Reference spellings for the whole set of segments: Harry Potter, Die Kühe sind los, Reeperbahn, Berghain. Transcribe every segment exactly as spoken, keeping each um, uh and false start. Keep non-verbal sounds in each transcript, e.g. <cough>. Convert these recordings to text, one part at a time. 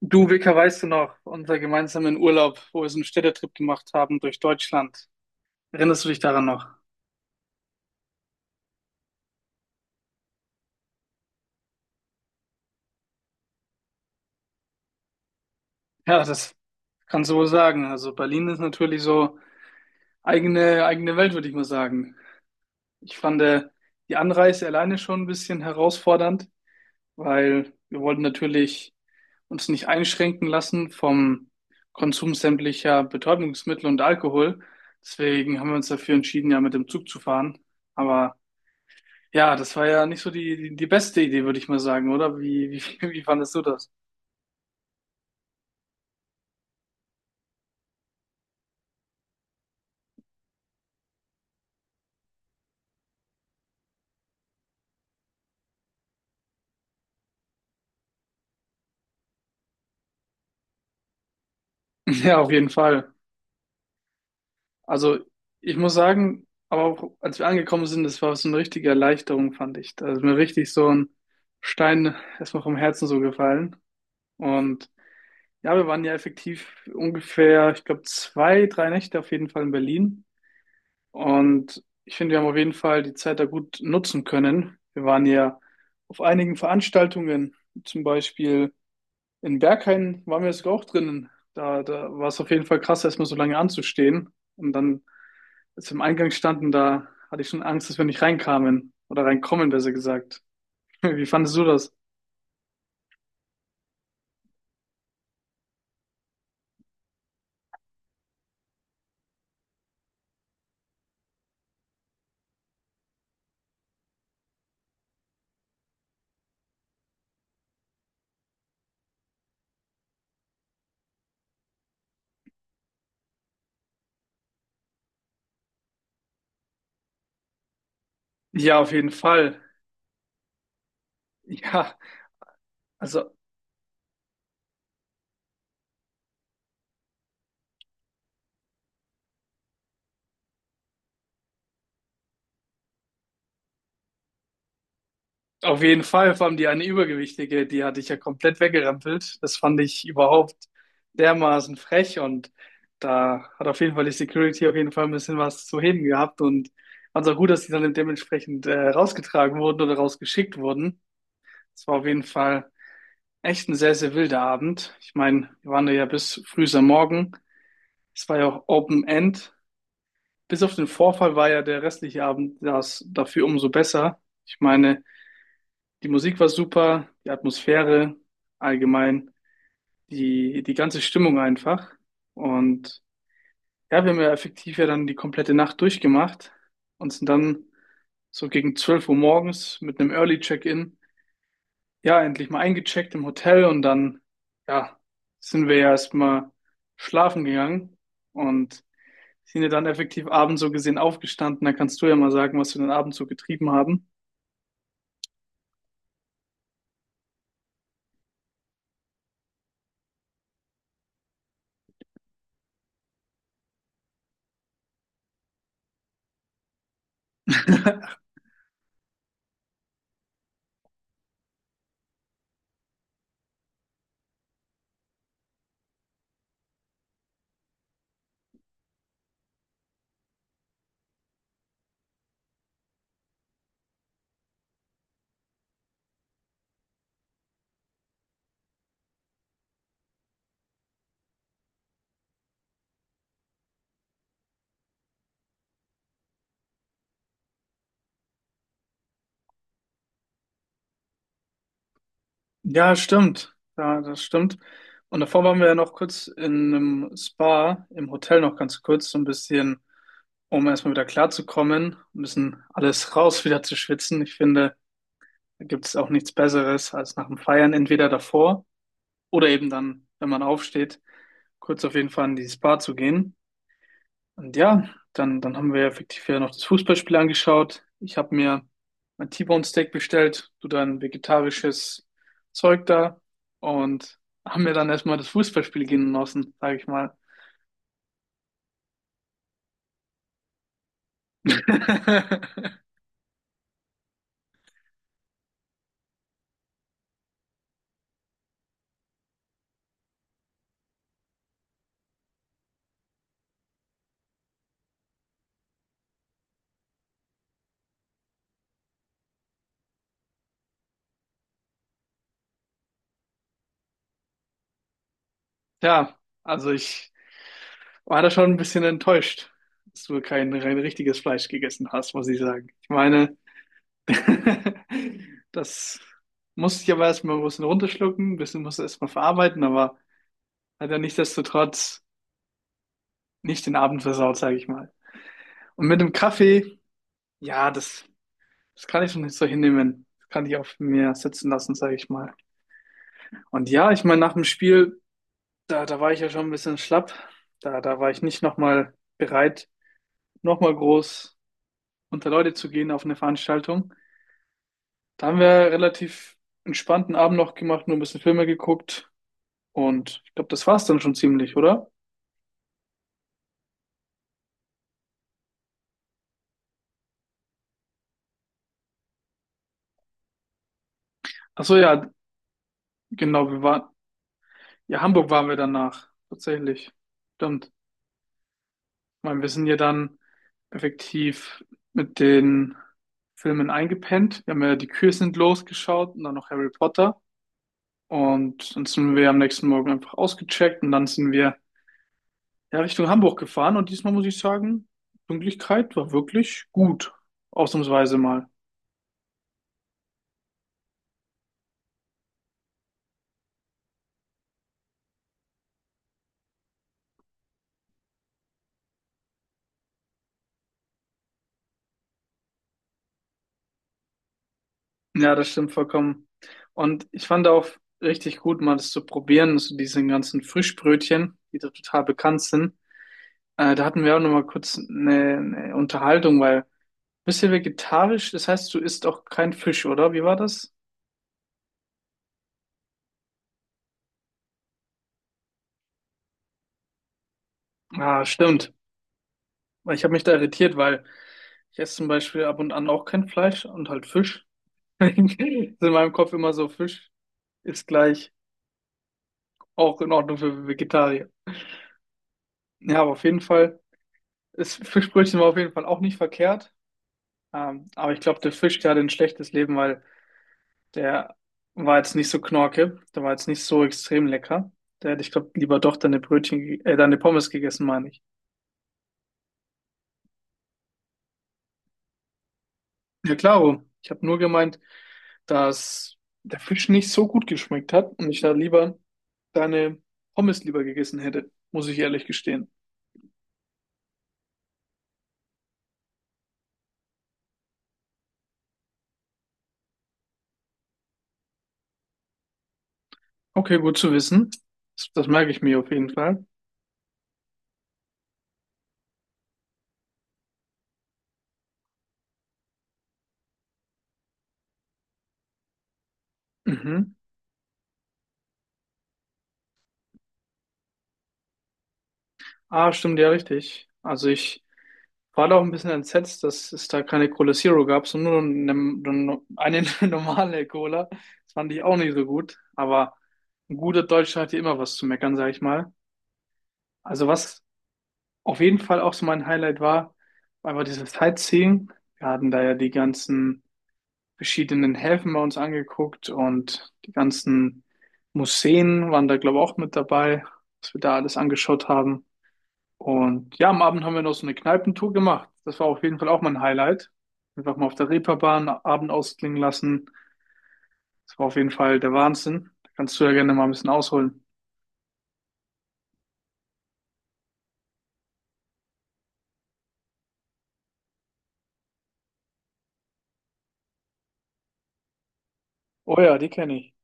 Du, Vika, weißt du noch, unseren gemeinsamen Urlaub, wo wir so einen Städtetrip gemacht haben durch Deutschland. Erinnerst du dich daran noch? Ja, das kannst du wohl sagen. Also Berlin ist natürlich so eigene, eigene Welt, würde ich mal sagen. Ich fand äh, die Anreise alleine schon ein bisschen herausfordernd, weil wir wollten natürlich uns nicht einschränken lassen vom Konsum sämtlicher Betäubungsmittel und Alkohol. Deswegen haben wir uns dafür entschieden, ja, mit dem Zug zu fahren. Aber ja, das war ja nicht so die, die, die beste Idee, würde ich mal sagen, oder? Wie, wie, <laughs> wie fandest du das? <laughs> Ja, auf jeden Fall. Also, ich muss sagen, aber auch als wir angekommen sind, das war so eine richtige Erleichterung, fand ich. Da ist mir richtig so ein Stein erstmal vom Herzen so gefallen. Und ja, wir waren ja effektiv ungefähr, ich glaube, zwei, drei Nächte auf jeden Fall in Berlin. Und ich finde, wir haben auf jeden Fall die Zeit da gut nutzen können. Wir waren ja auf einigen Veranstaltungen, zum Beispiel. In Berghain waren wir sogar auch drinnen. Da, da war es auf jeden Fall krass, erstmal so lange anzustehen. Und dann, als wir im Eingang standen, da hatte ich schon Angst, dass wir nicht reinkamen. Oder reinkommen, besser gesagt. <laughs> Wie fandest du das? Ja, auf jeden Fall. Ja, also auf jeden Fall, vor allem die eine Übergewichtige, die hatte ich ja komplett weggerempelt. Das fand ich überhaupt dermaßen frech, und da hat auf jeden Fall die Security auf jeden Fall ein bisschen was zu heben gehabt und fand es auch gut, dass die dann dementsprechend äh, rausgetragen wurden oder rausgeschickt wurden. Es war auf jeden Fall echt ein sehr, sehr wilder Abend. Ich meine, wir waren da ja bis früh am Morgen. Es war ja auch Open End. Bis auf den Vorfall war ja der restliche Abend das dafür umso besser. Ich meine, die Musik war super, die Atmosphäre allgemein, die, die ganze Stimmung einfach. Und ja, wir haben ja effektiv ja dann die komplette Nacht durchgemacht und sind dann so gegen zwölf Uhr morgens mit einem Early Check-in, ja, endlich mal eingecheckt im Hotel, und dann, ja, sind wir ja erstmal schlafen gegangen und sind ja dann effektiv abends so gesehen aufgestanden. Da kannst du ja mal sagen, was wir den Abend so getrieben haben. <laughs> Ja, stimmt. Ja, das stimmt. Und davor waren wir ja noch kurz in einem Spa, im Hotel noch ganz kurz, so ein bisschen, um erstmal wieder klarzukommen, ein bisschen alles <laughs> raus wieder zu schwitzen. Ich finde, da gibt es auch nichts Besseres als nach dem Feiern, entweder davor oder eben dann, wenn man aufsteht, kurz auf jeden Fall in die Spa zu gehen. Und ja, dann, dann haben wir ja effektiv ja noch das Fußballspiel angeschaut. Ich habe mir mein T-Bone Steak bestellt, du dein vegetarisches Zeug da, und haben mir dann erstmal das Fußballspiel genossen, sage ich mal. <laughs> Ja, also ich war da schon ein bisschen enttäuscht, dass du kein rein richtiges Fleisch gegessen hast, muss ich sagen. Ich meine, <laughs> das musste ich aber erstmal ein bisschen runterschlucken, ein bisschen musste erstmal verarbeiten, aber hat ja nichtsdestotrotz nicht den Abend versaut, sage ich mal. Und mit dem Kaffee, ja, das, das kann ich schon nicht so hinnehmen. Das kann ich auf mir sitzen lassen, sage ich mal. Und ja, ich meine, nach dem Spiel, da, da war ich ja schon ein bisschen schlapp. Da, da war ich nicht nochmal bereit, nochmal groß unter Leute zu gehen auf eine Veranstaltung. Da haben wir relativ entspannten Abend noch gemacht, nur ein bisschen Filme geguckt. Und ich glaube, das war's dann schon ziemlich, oder? Ach so, ja, genau, wir waren, ja, Hamburg waren wir danach, tatsächlich. Stimmt. Ich meine, wir sind ja dann effektiv mit den Filmen eingepennt. Wir haben ja Die Kühe sind losgeschaut und dann noch Harry Potter. Und dann sind wir am nächsten Morgen einfach ausgecheckt und dann sind wir, ja, Richtung Hamburg gefahren. Und diesmal muss ich sagen, Pünktlichkeit war wirklich gut. Ausnahmsweise mal. Ja, das stimmt vollkommen. Und ich fand auch richtig gut, mal das zu probieren, so diese ganzen Frischbrötchen, die da total bekannt sind. Äh, da hatten wir auch nochmal kurz eine, eine Unterhaltung, weil bisschen vegetarisch, das heißt, du isst auch kein Fisch, oder? Wie war das? Ah, stimmt. Ich habe mich da irritiert, weil ich esse zum Beispiel ab und an auch kein Fleisch und halt Fisch. <laughs> Ist in meinem Kopf immer so, Fisch ist gleich auch in Ordnung für Vegetarier. Ja, aber auf jeden Fall ist Fischbrötchen war auf jeden Fall auch nicht verkehrt. Ähm, aber ich glaube, der Fisch, der hatte ein schlechtes Leben, weil der war jetzt nicht so knorke, der war jetzt nicht so extrem lecker. Der hätte, ich glaube, lieber doch deine Brötchen, ge- äh, deine Pommes gegessen, meine ich. Ja, klaro. Ich habe nur gemeint, dass der Fisch nicht so gut geschmeckt hat und ich da lieber deine Pommes lieber gegessen hätte, muss ich ehrlich gestehen. Okay, gut zu wissen. Das, das merke ich mir auf jeden Fall. Mhm. Ah, stimmt ja richtig. Also ich war da auch ein bisschen entsetzt, dass es da keine Cola Zero gab, sondern nur eine, eine <laughs> normale Cola. Das fand ich auch nicht so gut. Aber ein guter Deutscher hat ja immer was zu meckern, sag ich mal. Also was auf jeden Fall auch so mein Highlight war, einfach dieses Sightseeing. Wir hatten da ja die ganzen verschiedenen Häfen bei uns angeguckt und die ganzen Museen waren da, glaube ich, auch mit dabei, was wir da alles angeschaut haben. Und ja, am Abend haben wir noch so eine Kneipentour gemacht. Das war auf jeden Fall auch mein Highlight. Einfach mal auf der Reeperbahn Abend ausklingen lassen. Das war auf jeden Fall der Wahnsinn. Da kannst du ja gerne mal ein bisschen ausholen. Oh ja, die kenne ich.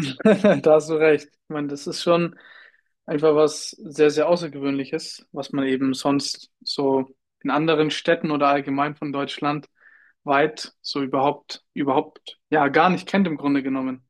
<laughs> Da hast du recht. Ich meine, das ist schon einfach was sehr, sehr Außergewöhnliches, was man eben sonst so in anderen Städten oder allgemein von Deutschland weit so überhaupt, überhaupt, ja, gar nicht kennt im Grunde genommen.